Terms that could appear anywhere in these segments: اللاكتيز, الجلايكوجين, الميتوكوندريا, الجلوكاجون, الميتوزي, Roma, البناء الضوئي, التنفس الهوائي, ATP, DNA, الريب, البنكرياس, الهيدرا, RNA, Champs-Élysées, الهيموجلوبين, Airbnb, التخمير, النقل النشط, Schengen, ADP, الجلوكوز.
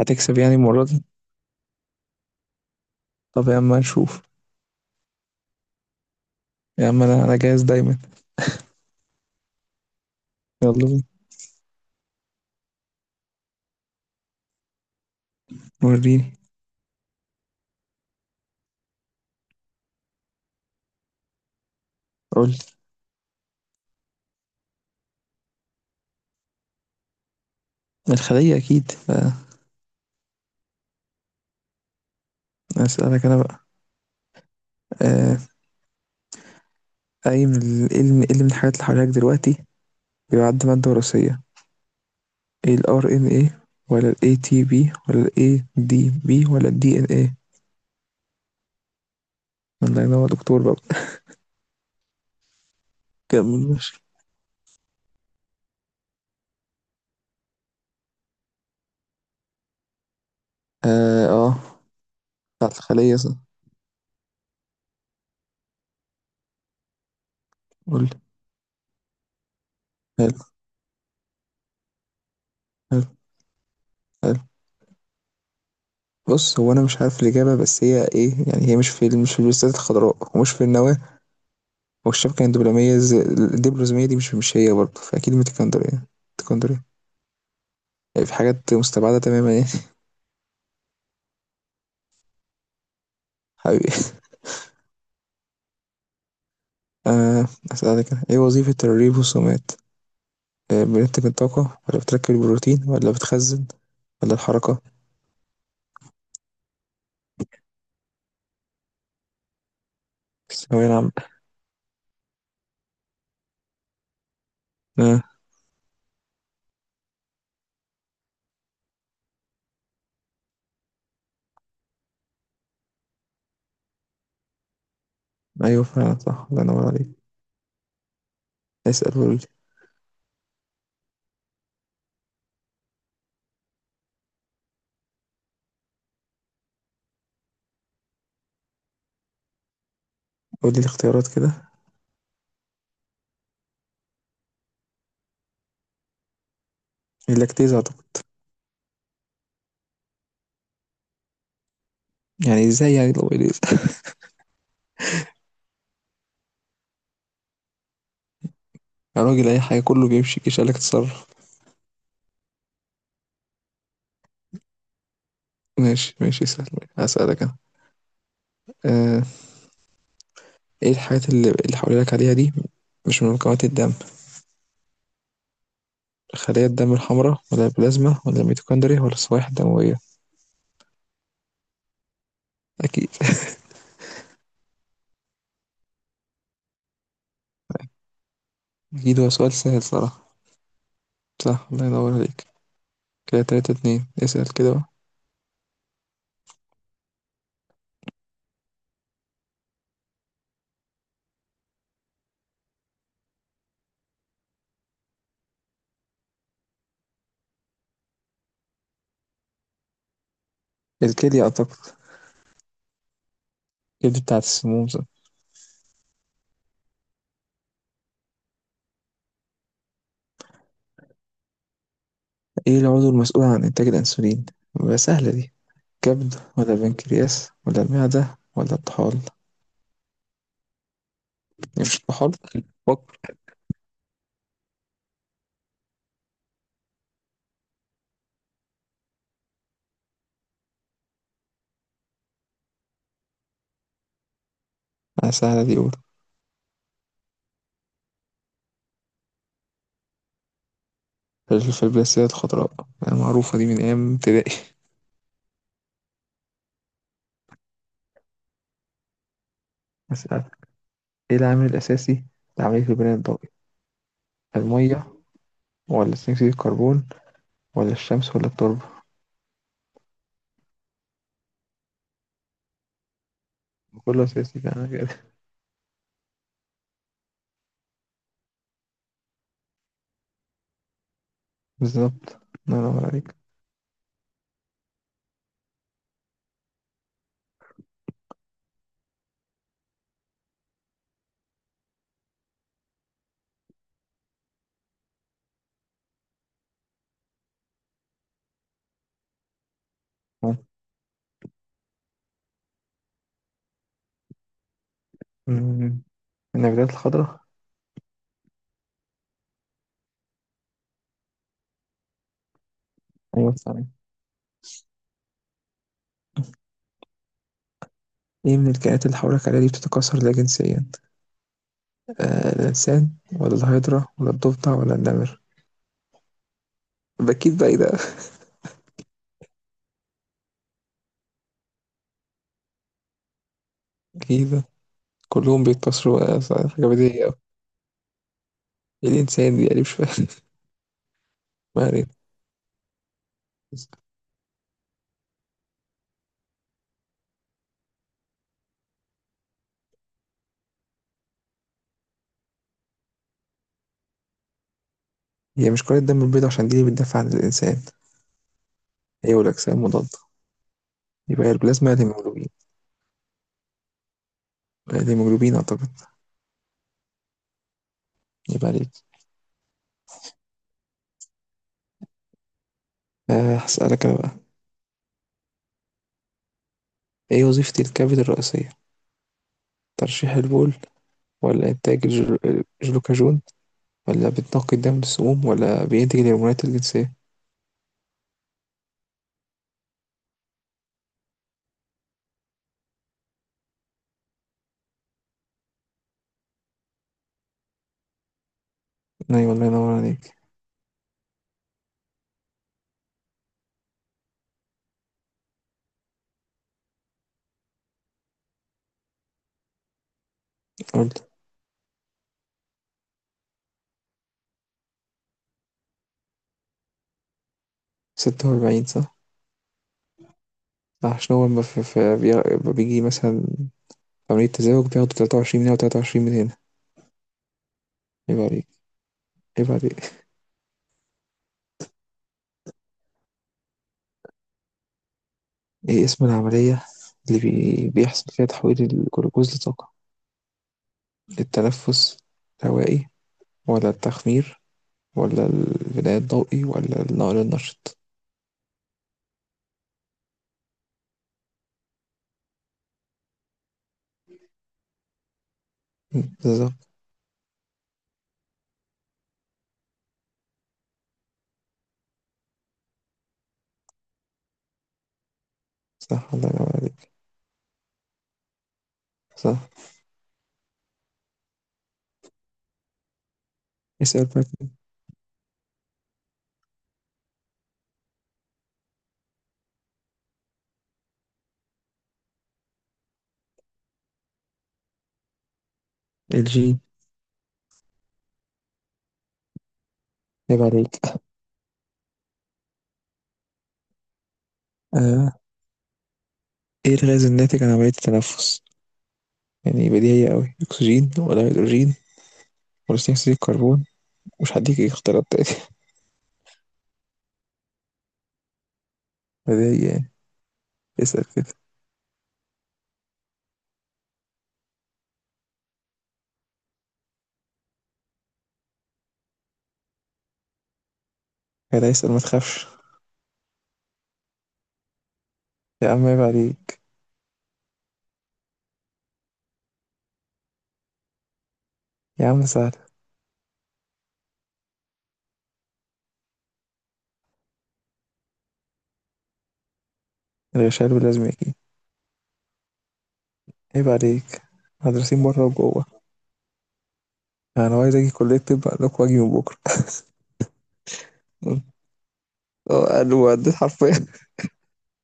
هتكسب يعني المرة دي؟ طب يا عم نشوف. يا عم انا جاهز دايما. يلا بينا. وريني. قول لي. الخلية اكيد. آه، اسألك انا بقى. آه، اي من ال- ايه من إيه اللي من الحاجات اللي حواليك دلوقتي بيعد مادة وراثية؟ ايه ال RNA ولا ال ATP ولا ال ADP ولا ال DNA؟ الله ينور دكتور بقى. كمل ماشي. اه اه. بتاعت الخلية صح؟ قول لي. حلو، حلو، حلو. بص هو انا مش عارف الاجابة بس هي ايه يعني هي مش في البلاستيدات الخضراء ومش في النواه، والشبكة الدبلوماسية دي مش هي برضه، فأكيد من اسكندرية. اسكندرية. يعني في حاجات مستبعدة تماما يعني. حبيبي. آه. أسألك أنا، إيه وظيفة الريب والسومات؟ آه، بننتج الطاقة ولا بتركب البروتين ولا بتخزن ولا الحركة؟ ثانوية العامة. آه. أيوه فعلا صح، الله ينور عليك. اسأل وقولي. قولي الاختيارات كده. اللاكتيز أعتقد. يعني إزاي يعني لو إليز؟ يا راجل أي حاجة كله بيمشي كيش قالك تتصرف. ماشي ماشي اسأل. أسألك أنا. آه. إيه الحاجات اللي هاقولها لك عليها دي مش من مكونات الدم؟ خلايا الدم الحمراء ولا البلازما ولا الميتوكوندريا ولا الصوايح الدموية؟ أكيد. أكيد، هو سؤال سهل صراحة. صح الله ينور عليك. كده تلاتة اتنين، اسأل كده بقى. الكلية أعتقد. الكبد بتاعة السموم صح؟ إيه العضو المسؤول عن إنتاج الأنسولين؟ بقى سهلة دي. كبد ولا بنكرياس ولا المعدة ولا الطحال يعني؟ مش الطحال. فكر. سهلة دي قول. في الفبراسية الخضراء. معروفة دي من أيام ابتدائي. اسأل. ايه العامل الأساسي لعملية البناء الضوئي؟ المية ولا ثاني أكسيد الكربون ولا الشمس ولا التربة؟ كله أساسي بقى كده. بالظبط. الله ينور عليك. آه. أمم. النباتات الخضراء. أيوة صحيح. إيه من الكائنات اللي حولك عليها دي بتتكاثر لا جنسيا؟ آه الإنسان ولا الهيدرا ولا الضفدع ولا النمر؟ أكيد بقى إيه ده؟ أكيد ده. كلهم بيتكاثروا، آه، صح، حاجة بديهية أوي. إيه الإنسان دي يعني مش فاهم. ما علينا. هي مش كرة الدم البيضاء عشان دي اللي بتدافع عن الإنسان. هي والأجسام مضادة. يبقى البلازما الهيموجلوبين. الهيموجلوبين أعتقد. يبقى عليك. أه، هسألك أنا بقى. إيه وظيفة الكبد الرئيسية؟ ترشيح البول ولا إنتاج الجلوكاجون ولا بتنقي الدم للسموم ولا بينتج الهرمونات الجنسية؟ أيوة الله ينور عليك. قلت. ستة وأربعين صح؟ عشان هو لما في في- بي- لما بيجي مثلا عملية تزاوج بياخدوا تلاتة وعشرين من هنا وتلاتة وعشرين من هنا. عيب عليك، عيب عليك. إيه اسم العملية اللي بيحصل فيها تحويل الجلوكوز لطاقة؟ التنفس الهوائي ولا التخمير ولا البناء الضوئي ولا النقل النشط؟ بالظبط. صح الله ينور عليك. صح. اسأل بقى كده. الجين. عيب عليك. آه. ايه الغاز الناتج عن عملية التنفس؟ يعني بديهية أوي، أكسجين ولا هيدروجين ولا ثاني أكسيد الكربون، مش هديك اختيارات تاني. بديهية يعني. اسأل كده. كده اسأل ما تخافش. يا عم عيب عليك. يا عم سهل. الغشاء باللازم أكيد. عيب عليك. مدرسين بره وجوه. أنا عايز أجي كلية طب قال لك وأجي من بكرة. اه قالوا عديت حرفيا.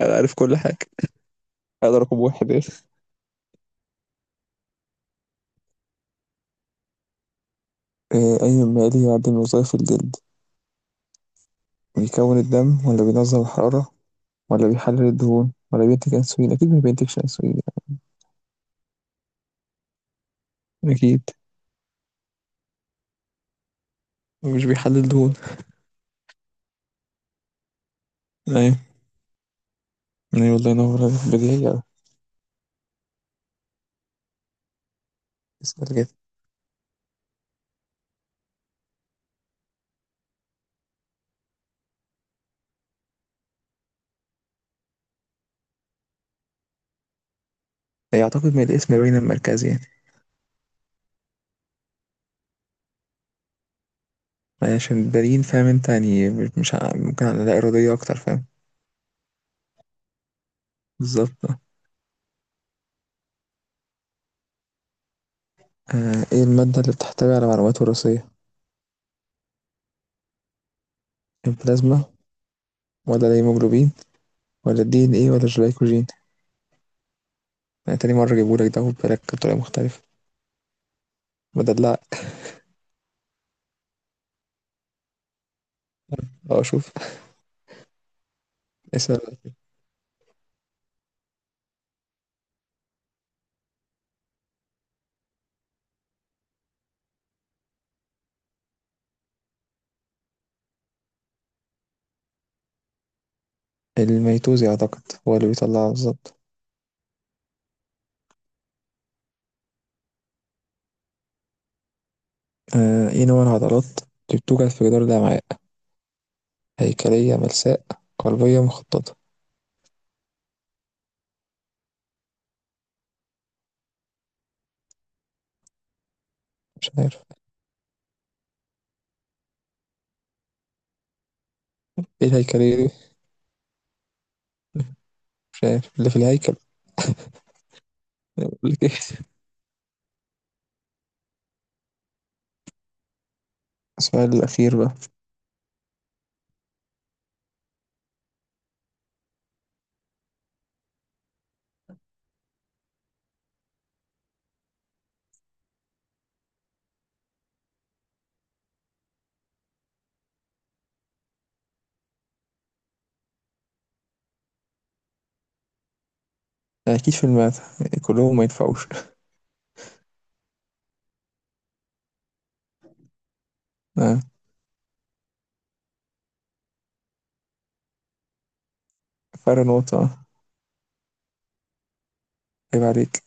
انا عارف كل حاجه. انا رقم واحد يعني. أي مالي يعدل وظائف الجلد؟ بيكون الدم ولا بينظم الحرارة ولا بيحلل الدهون ولا بينتج أنسولين؟ أكيد ما بينتجش أنسولين. يعني. اكيد. مش بيحلل دهون. أيوة، أيوة والله ينور عليك، بديهية أوي. اسأل كده. يعتقد من الاسم باين المركزي يعني. يعني عشان بالين فاهم انت يعني مش ممكن على لا إرادية أكتر فاهم. بالظبط. إيه المادة اللي بتحتوي على معلومات وراثية؟ البلازما ولا الهيموجلوبين ولا الدي إن إيه ولا الجلايكوجين؟ أنا تاني مرة اجيبهولك ده وبالك بطريقة مختلفة. بدل لا. اه شوف. اسأل. الميتوزي أعتقد هو اللي بيطلعها بالظبط. آه ايه نوع العضلات اللي بتوجد في جدار الأمعاء؟ هيكلية، ملساء، قلبية، مخططة؟ مش عارف. ايه الهيكلية دي. مش عارف اللي في الهيكل. أنا بقول لك ايه. السؤال الأخير بقى. أكيد في الماث. كلهم ما ينفعوش. آه. فرق نقطة. عيب عليك.